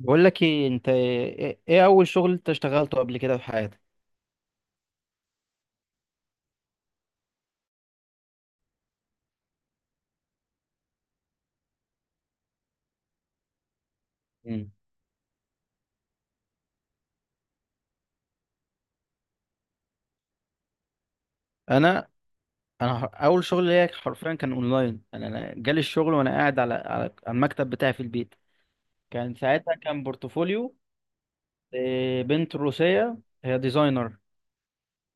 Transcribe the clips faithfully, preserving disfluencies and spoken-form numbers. بقول لك ايه، انت ايه إيه اول شغل انت اشتغلته قبل كده في حياتك؟ مم. انا انا ح- اول شغل ليا حرفيا كان اونلاين. انا أنا جالي الشغل وانا قاعد على على على المكتب بتاعي في البيت. كان ساعتها كان بورتفوليو إيه، بنت روسية، هي ديزاينر.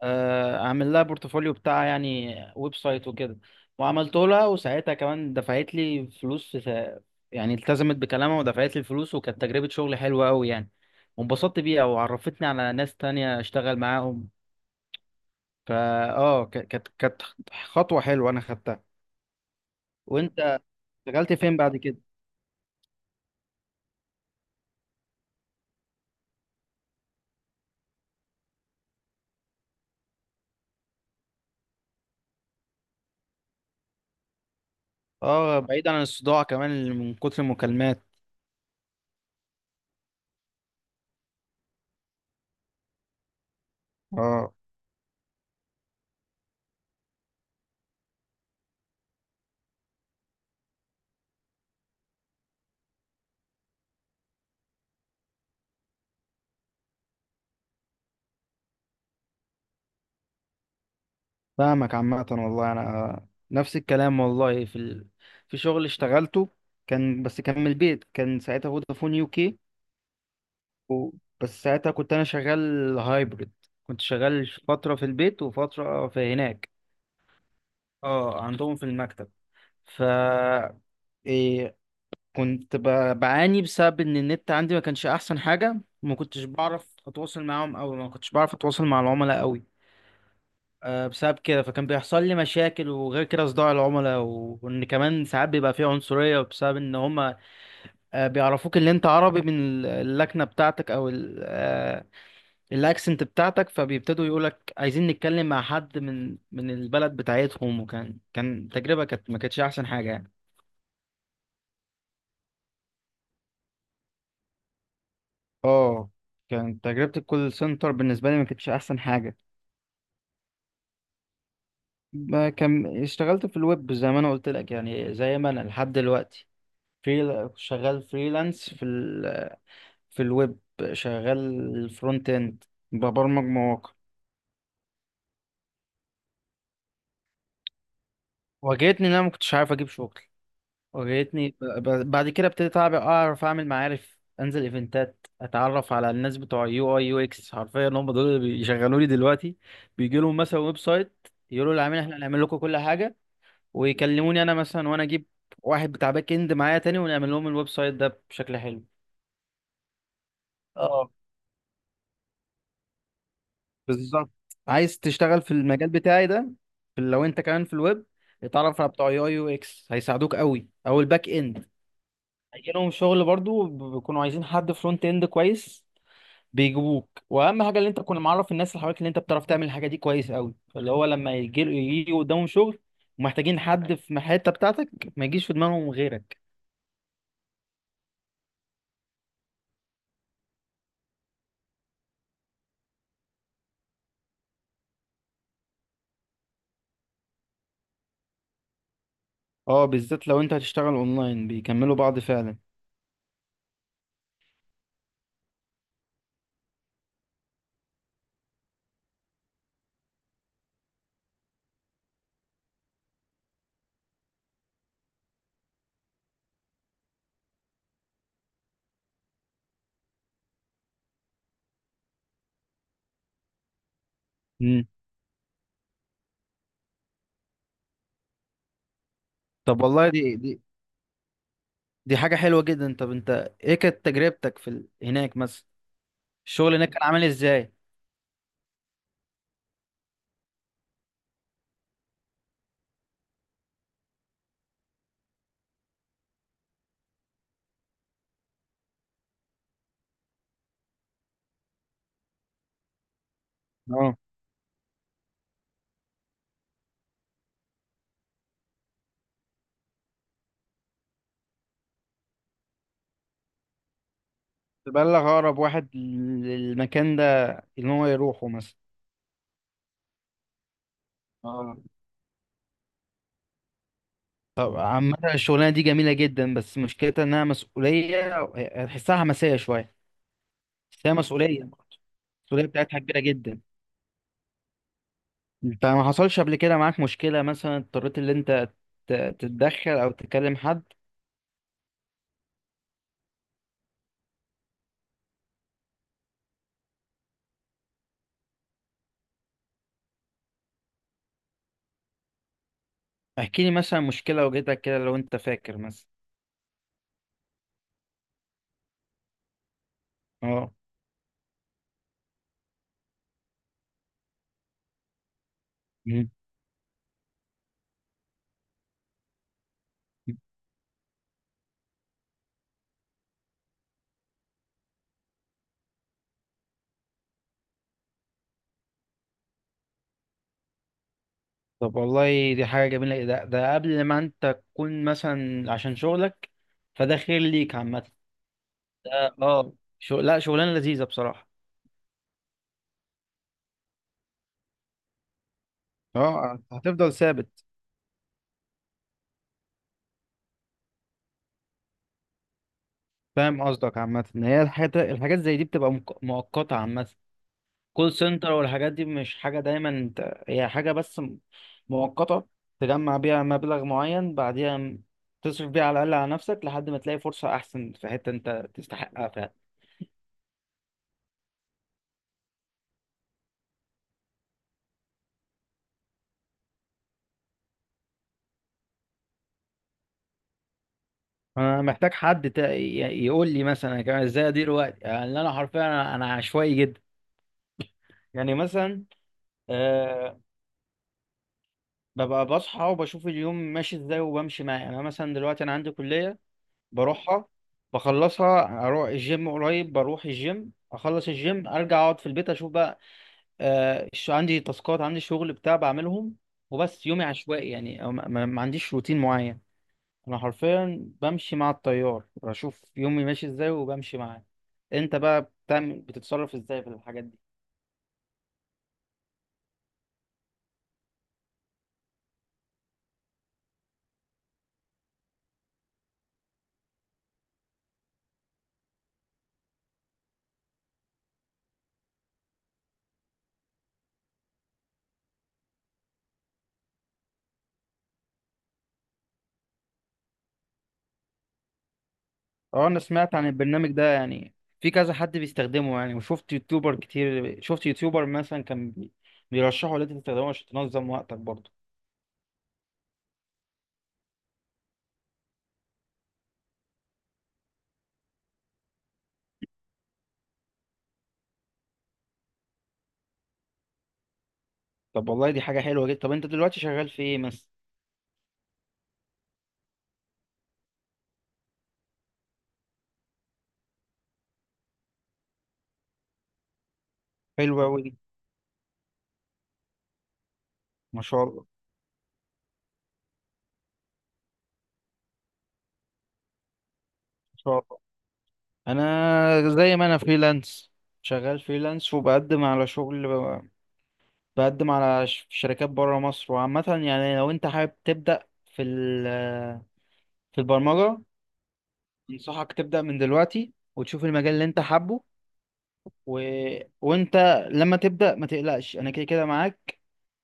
آه، اعمل لها بورتفوليو بتاع يعني ويب سايت وكده. وعملته لها وساعتها كمان دفعت لي فلوس في سا- يعني التزمت بكلامها ودفعت لي الفلوس، وكانت تجربة شغل حلوة قوي يعني. وانبسطت بيها وعرفتني على ناس تانية اشتغل معاهم. فا اه ك- كانت كانت خطوة حلوة انا خدتها. وانت اشتغلت فين بعد كده؟ اه، بعيد عن الصداع كمان اللي من كتر المكالمات. اه، فاهمك. عامة والله انا نفس الكلام. والله في ال... في شغل اشتغلته، كان بس كان من البيت، كان ساعتها فودافون يو كي و... بس ساعتها كنت انا شغال هايبرد. كنت شغال فترة في البيت وفترة في هناك. اه، عندهم في المكتب. ف إيه، كنت ب- بعاني بسبب ان النت عندي ما كانش احسن حاجه. ما كنتش بعرف اتواصل معاهم، او ما كنتش بعرف اتواصل مع العملاء قوي. أه بسبب كده فكان بيحصل لي مشاكل، وغير كده صداع العملاء و- وان كمان ساعات بيبقى فيه عنصريه بسبب ان هما أه بيعرفوك ان انت عربي من ال- اللكنه بتاعتك او ال- أه الاكسنت بتاعتك، فبيبتدوا يقولك عايزين نتكلم مع حد من من البلد بتاعتهم. وكان كان تجربه كانت ما كانتش احسن حاجه يعني. اه، كانت تجربة الكول سنتر بالنسبة لي ما كانتش أحسن حاجة. ما كان اشتغلت في الويب زي ما انا قلت لك يعني، زي ما انا لحد دلوقتي فريل... شغال فريلانس في ال... في الويب، شغال فرونت اند، ببرمج مواقع. واجهتني ان انا ما كنتش عارف اجيب شغل. واجهتني ب... ب... بعد كده ابتديت أعرف... اعرف اعمل معارف، انزل ايفنتات، اتعرف على الناس بتوع يو اي يو اكس. حرفيا هم دول اللي بيشغلوا لي دلوقتي. بيجي لهم مثلا ويب سايت، يقولوا للعميل احنا هنعمل لكم كل حاجه، ويكلموني انا مثلا، وانا اجيب واحد بتاع باك اند معايا تاني ونعمل لهم الويب سايت ده بشكل حلو. اه، بالظبط. عايز تشتغل في المجال بتاعي ده. في- لو انت كمان في الويب اتعرف على بتوع يو يو اكس هيساعدوك قوي، او الباك اند هيجي لهم شغل برضو. ب- بيكونوا عايزين حد فرونت اند كويس، بيجيبوك. واهم حاجه اللي انت تكون معرف الناس اللي حواليك اللي انت بتعرف تعمل الحاجه دي كويس قوي، اللي هو لما يجي يجي قدامهم شغل ومحتاجين حد في الحته بتاعتك ما يجيش في دماغهم غيرك. اه، بالذات لو انت هتشتغل اونلاين بيكملوا بعض فعلا. مم. طب والله دي دي دي حاجة حلوة جدا. طب انت ايه كانت تجربتك في ال... هناك مثلا؟ الشغل هناك كان عامل ازاي؟ اه، تبلغ اقرب واحد للمكان ده ان هو يروحه مثلا. اه، طب عامة الشغلانة دي جميلة جدا، بس مشكلتها انها مسؤولية. هتحسها حماسية شوية، بس هي مسؤولية برضه. المسؤولية بتاعتها كبيرة جدا. انت ما حصلش قبل كده معاك مشكلة، مثلا اضطريت ان انت ت- تتدخل او تكلم حد؟ احكي لي مثلا مشكلة واجهتك كده لو انت فاكر مثلا. اه. مم. طب والله دي حاجة جميلة. ده ده قبل ما انت تكون مثلا عشان شغلك، فده خير ليك عامة. ده- اه شغل، لا شغلانة لذيذة بصراحة. اه، هتفضل ثابت. فاهم قصدك. عامة ان هي الحاجات الحاجات زي دي بتبقى مك- مؤقتة عامة. كول سنتر والحاجات دي مش حاجة دايما انت، هي حاجة بس م- مؤقتة. تجمع بيها مبلغ معين، بعديها م- تصرف بيها على الأقل على نفسك لحد ما تلاقي فرصة أحسن في حتة أنت تستحقها فعلا. أنا محتاج حد تا- ي- يقول لي مثلا أنا كمان إزاي أدير وقتي. يعني أنا حرفيا أنا أنا عشوائي جدا. يعني مثلا أه ببقى بصحى وبشوف اليوم ماشي إزاي وبمشي معاه. يعني أنا مثلا دلوقتي أنا عندي كلية، بروحها، بخلصها، اروح الجيم قريب، بروح الجيم، اخلص الجيم، ارجع اقعد في البيت، اشوف بقى آه، ش- عندي تاسكات، عندي شغل بتاع بعملهم. وبس يومي عشوائي يعني، أو ما, ما ما عنديش روتين معين. انا حرفيا بمشي مع التيار، بشوف يومي ماشي ازاي وبمشي معاه. انت بقى بتعمل بتتصرف ازاي في الحاجات دي؟ اه، انا سمعت عن البرنامج ده يعني. في كذا حد بيستخدمه يعني. وشفت يوتيوبر كتير، شفت يوتيوبر مثلا كان بي- بيرشحه ان انت تستخدمه عشان تنظم وقتك برضه. طب والله دي حاجة حلوة جدا. طب انت دلوقتي شغال في ايه مثلا؟ حلو قوي. ما شاء الله، ما شاء الله. انا زي ما انا فريلانس، شغال فريلانس وبقدم على شغل، بقدم على ش- شركات بره مصر. وعامة يعني لو انت حابب تبدأ في ال- في البرمجة انصحك تبدأ من دلوقتي، وتشوف المجال اللي انت حابه. و... وانت لما تبدأ ما تقلقش، انا كده كده معاك،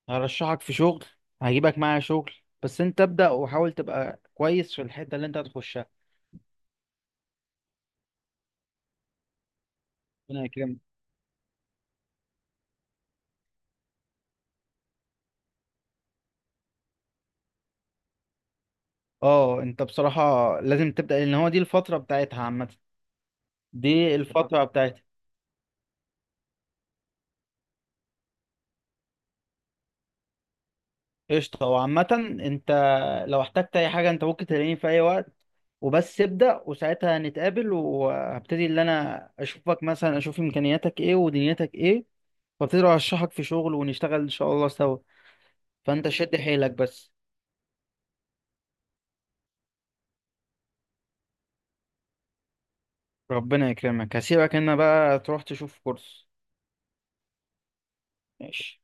هرشحك في شغل، هجيبك معايا شغل. بس انت ابدأ وحاول تبقى كويس في الحتة اللي انت هتخشها. ربنا يكرمك. اه انت بصراحة لازم تبدأ، لان هو دي الفترة بتاعتها عامة، دي الفترة بتاعتي. قشطة. وعامة انت لو احتجت اي حاجة انت ممكن تلاقيني في اي وقت. وبس ابدأ، وساعتها هنتقابل وهبتدي اللي انا اشوفك مثلا، اشوف امكانياتك ايه ودنيتك ايه، وابتدي ارشحك في شغل ونشتغل ان شاء الله سوا. فانت شد حيلك بس. ربنا يكرمك، هسيبك هنا بقى تروح تشوف كورس. ماشي.